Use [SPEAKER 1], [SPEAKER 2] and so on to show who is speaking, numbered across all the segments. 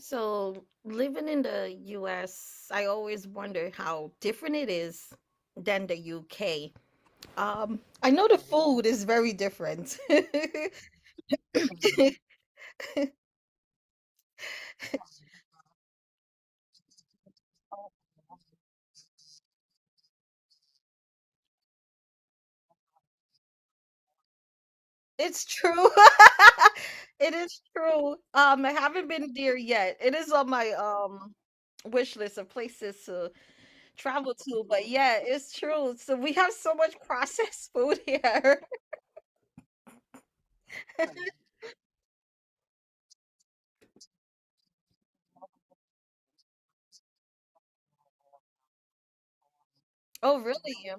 [SPEAKER 1] So, living in the US, I always wonder how different it is than the UK. I know the food is very different. It's true. It is true. I haven't been there yet. It is on my wish list of places to travel to, but yeah, it's true. So we have so much processed food here. Oh, really?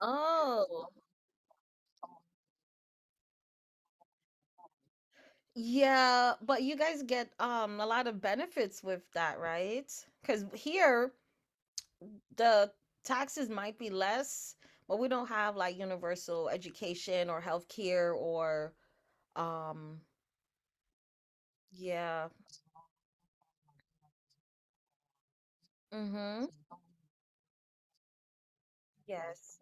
[SPEAKER 1] Oh. Yeah, but you guys get a lot of benefits with that, right? Because here the taxes might be less, but we don't have like universal education or healthcare or um yeah. Mm-hmm. Yes.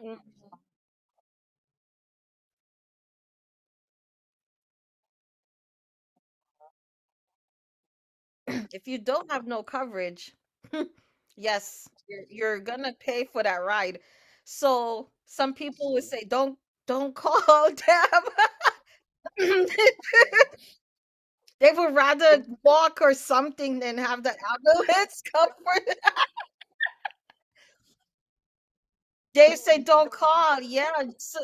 [SPEAKER 1] Mm, if you don't have no coverage, yes, you're gonna pay for that ride. So some people would say, don't call them. They would rather walk or something than have the ambulance come for them. They say don't call. Yeah, so,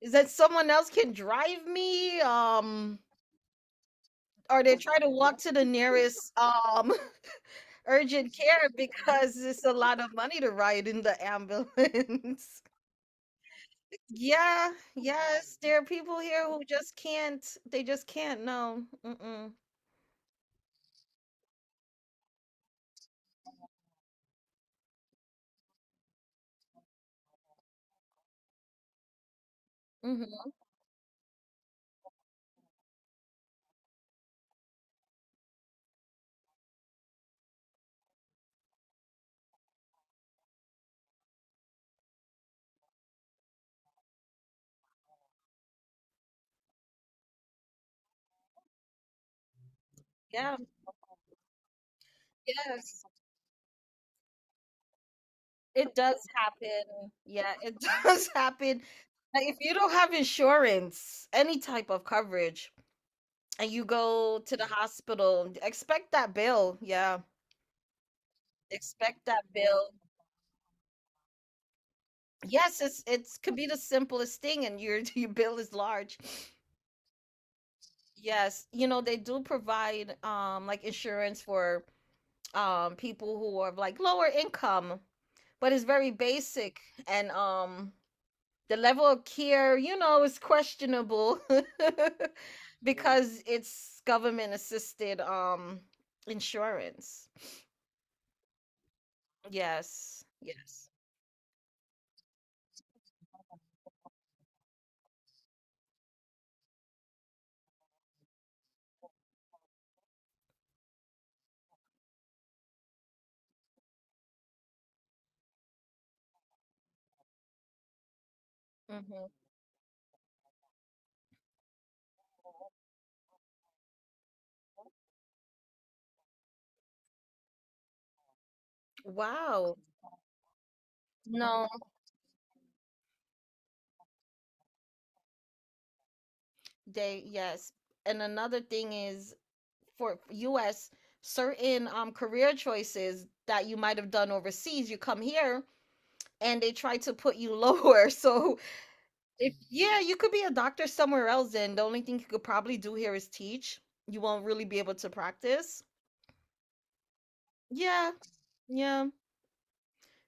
[SPEAKER 1] is that someone else can drive me? Or they try to walk to the nearest urgent care because it's a lot of money to ride in the ambulance. Yeah, yes, there are people here who just can't. They just can't. No. Mm-mm. Hmm. Yeah. Yes. It does happen. Yeah, it does happen. Like, if you don't have insurance, any type of coverage, and you go to the hospital, expect that bill. Yeah, expect that bill. Yes, it's could be the simplest thing, and your your bill is large. Yes, you know, they do provide like insurance for people who are of, like, lower income, but it's very basic and the level of care, you know, is questionable because it's government assisted insurance. Yes. Yes. Hmm. Wow. No, they yes. And another thing is for US certain career choices that you might have done overseas, you come here and they try to put you lower. So if yeah, you could be a doctor somewhere else, and the only thing you could probably do here is teach. You won't really be able to practice. Yeah, yeah,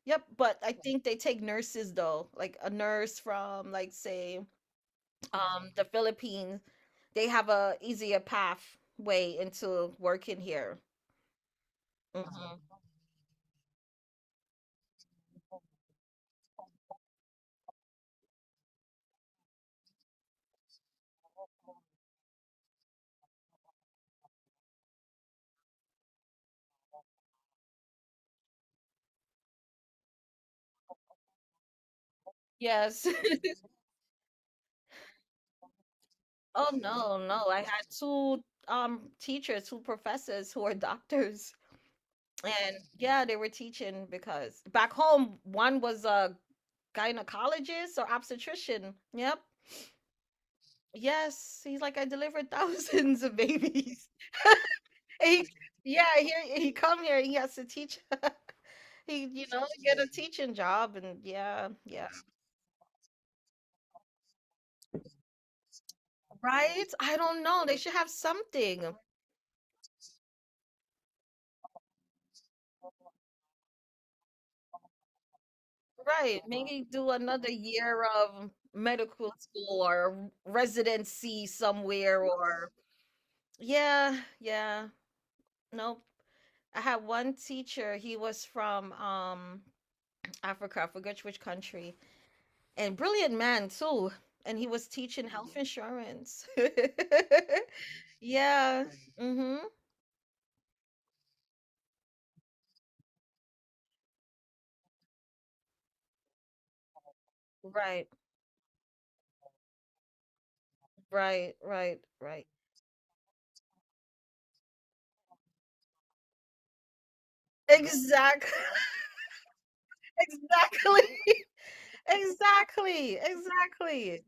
[SPEAKER 1] yep. But I think they take nurses though, like a nurse from, like, say, the Philippines. They have a easier pathway into working here. Mhm. Yes. Oh no, no. I had two teachers, two professors who are doctors. And yeah, they were teaching because back home, one was a gynecologist or obstetrician. Yep. Yes. He's like, I delivered thousands of babies. He, yeah, here he come here. He has to teach. He, you know, get a teaching job and yeah, yeah. Right? I don't know. They should have something. Right. Maybe do another year of medical school or residency somewhere or yeah, yeah. Nope. I had one teacher. He was from Africa. I forget which country. And brilliant man too. And he was teaching health insurance. Yeah. Right. Mhm. Right, right. Exactly. Exactly. Exactly. Exactly.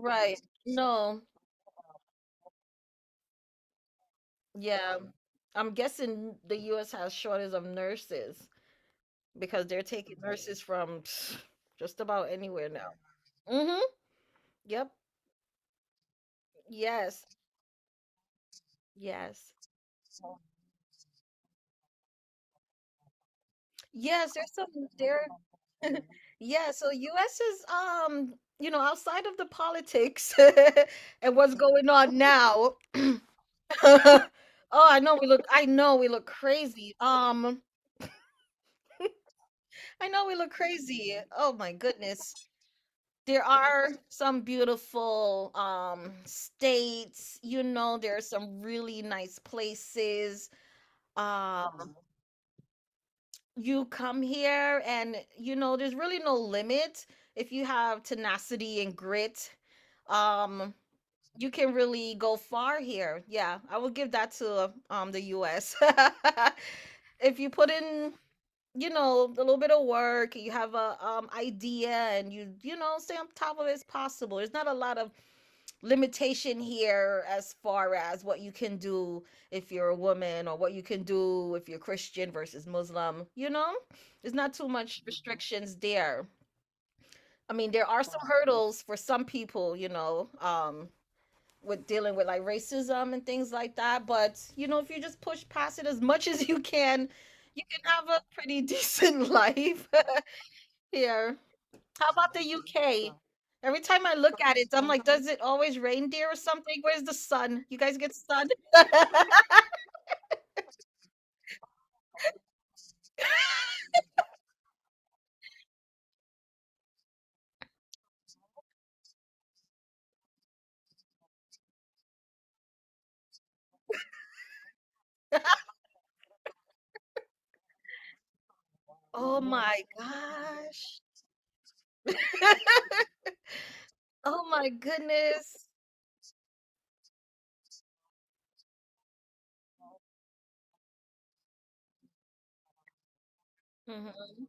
[SPEAKER 1] Right. No. Yeah. I'm guessing the US has shortage of nurses because they're taking nurses from pff, just about anywhere now. Mhm. Yep. Yes. Yes. Yes, there's some there yeah, so US is you know, outside of the politics and what's going on now. Oh, I know we look crazy. I know we look crazy. Oh my goodness. There are some beautiful states, you know, there are some really nice places. Um, you come here and you know, there's really no limit if you have tenacity and grit. Um, you can really go far here. Yeah, I would give that to the US. If you put in, you know, a little bit of work, you have a idea and you know, stay on top of it, it's possible. There's not a lot of limitation here as far as what you can do if you're a woman or what you can do if you're Christian versus Muslim, you know? There's not too much Mhm. restrictions there. I mean, there are some hurdles for some people, you know, with dealing with like racism and things like that. But you know, if you just push past it as much as you can have a pretty decent life here. How about the UK? Every time I look at it, I'm like, does it always reindeer or something? Where's the sun? You guys get sun? Oh my gosh. Oh my goodness. Hmm.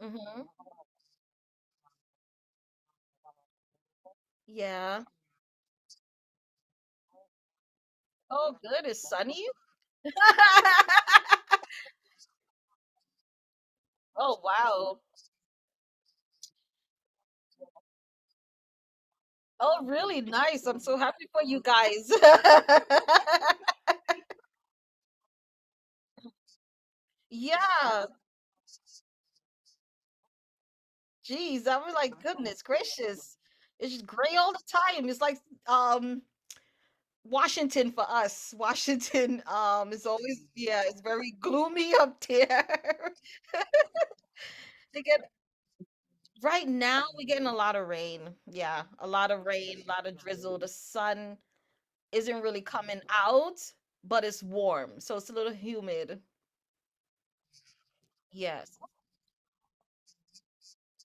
[SPEAKER 1] Hmm. Yeah. Oh, good. It's sunny. Oh, wow. Oh, really nice. I'm so happy for you guys. Yeah. Jeez, I was like, goodness gracious. It's just gray all the time. It's like um Washington for us. Washington is always yeah, it's very gloomy up there. They get right now we're getting a lot of rain. Yeah, a lot of rain, a lot of drizzle. The sun isn't really coming out, but it's warm, so it's a little humid. Yes.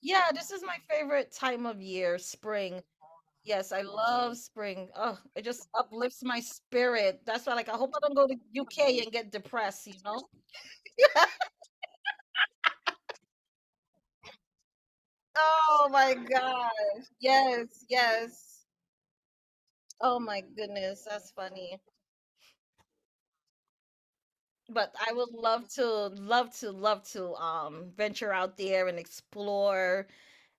[SPEAKER 1] Yeah, this is my favorite time of year, spring. Yes, I love spring. Oh, it just uplifts my spirit. That's why, like, I hope I don't go to UK and get depressed, you know? Oh my gosh. Yes, yes. Oh my goodness, that's funny. But I would love to, love to, love to venture out there and explore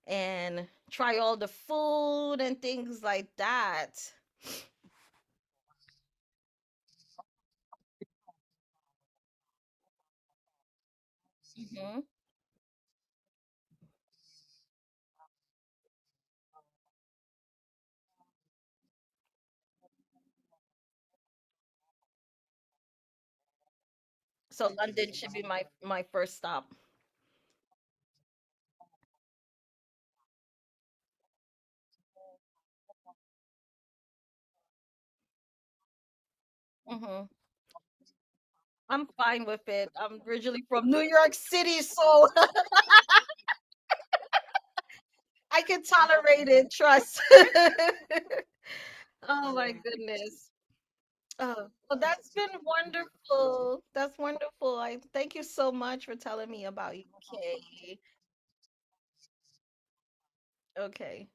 [SPEAKER 1] and try all the food and things like that. Hmm. So London should be my first stop. Hmm. I'm fine with it. I'm originally from New York City, so I can tolerate it. Trust. Oh my goodness. Oh, well, that's been wonderful. That's wonderful. I thank you so much for telling me about UK. Okay.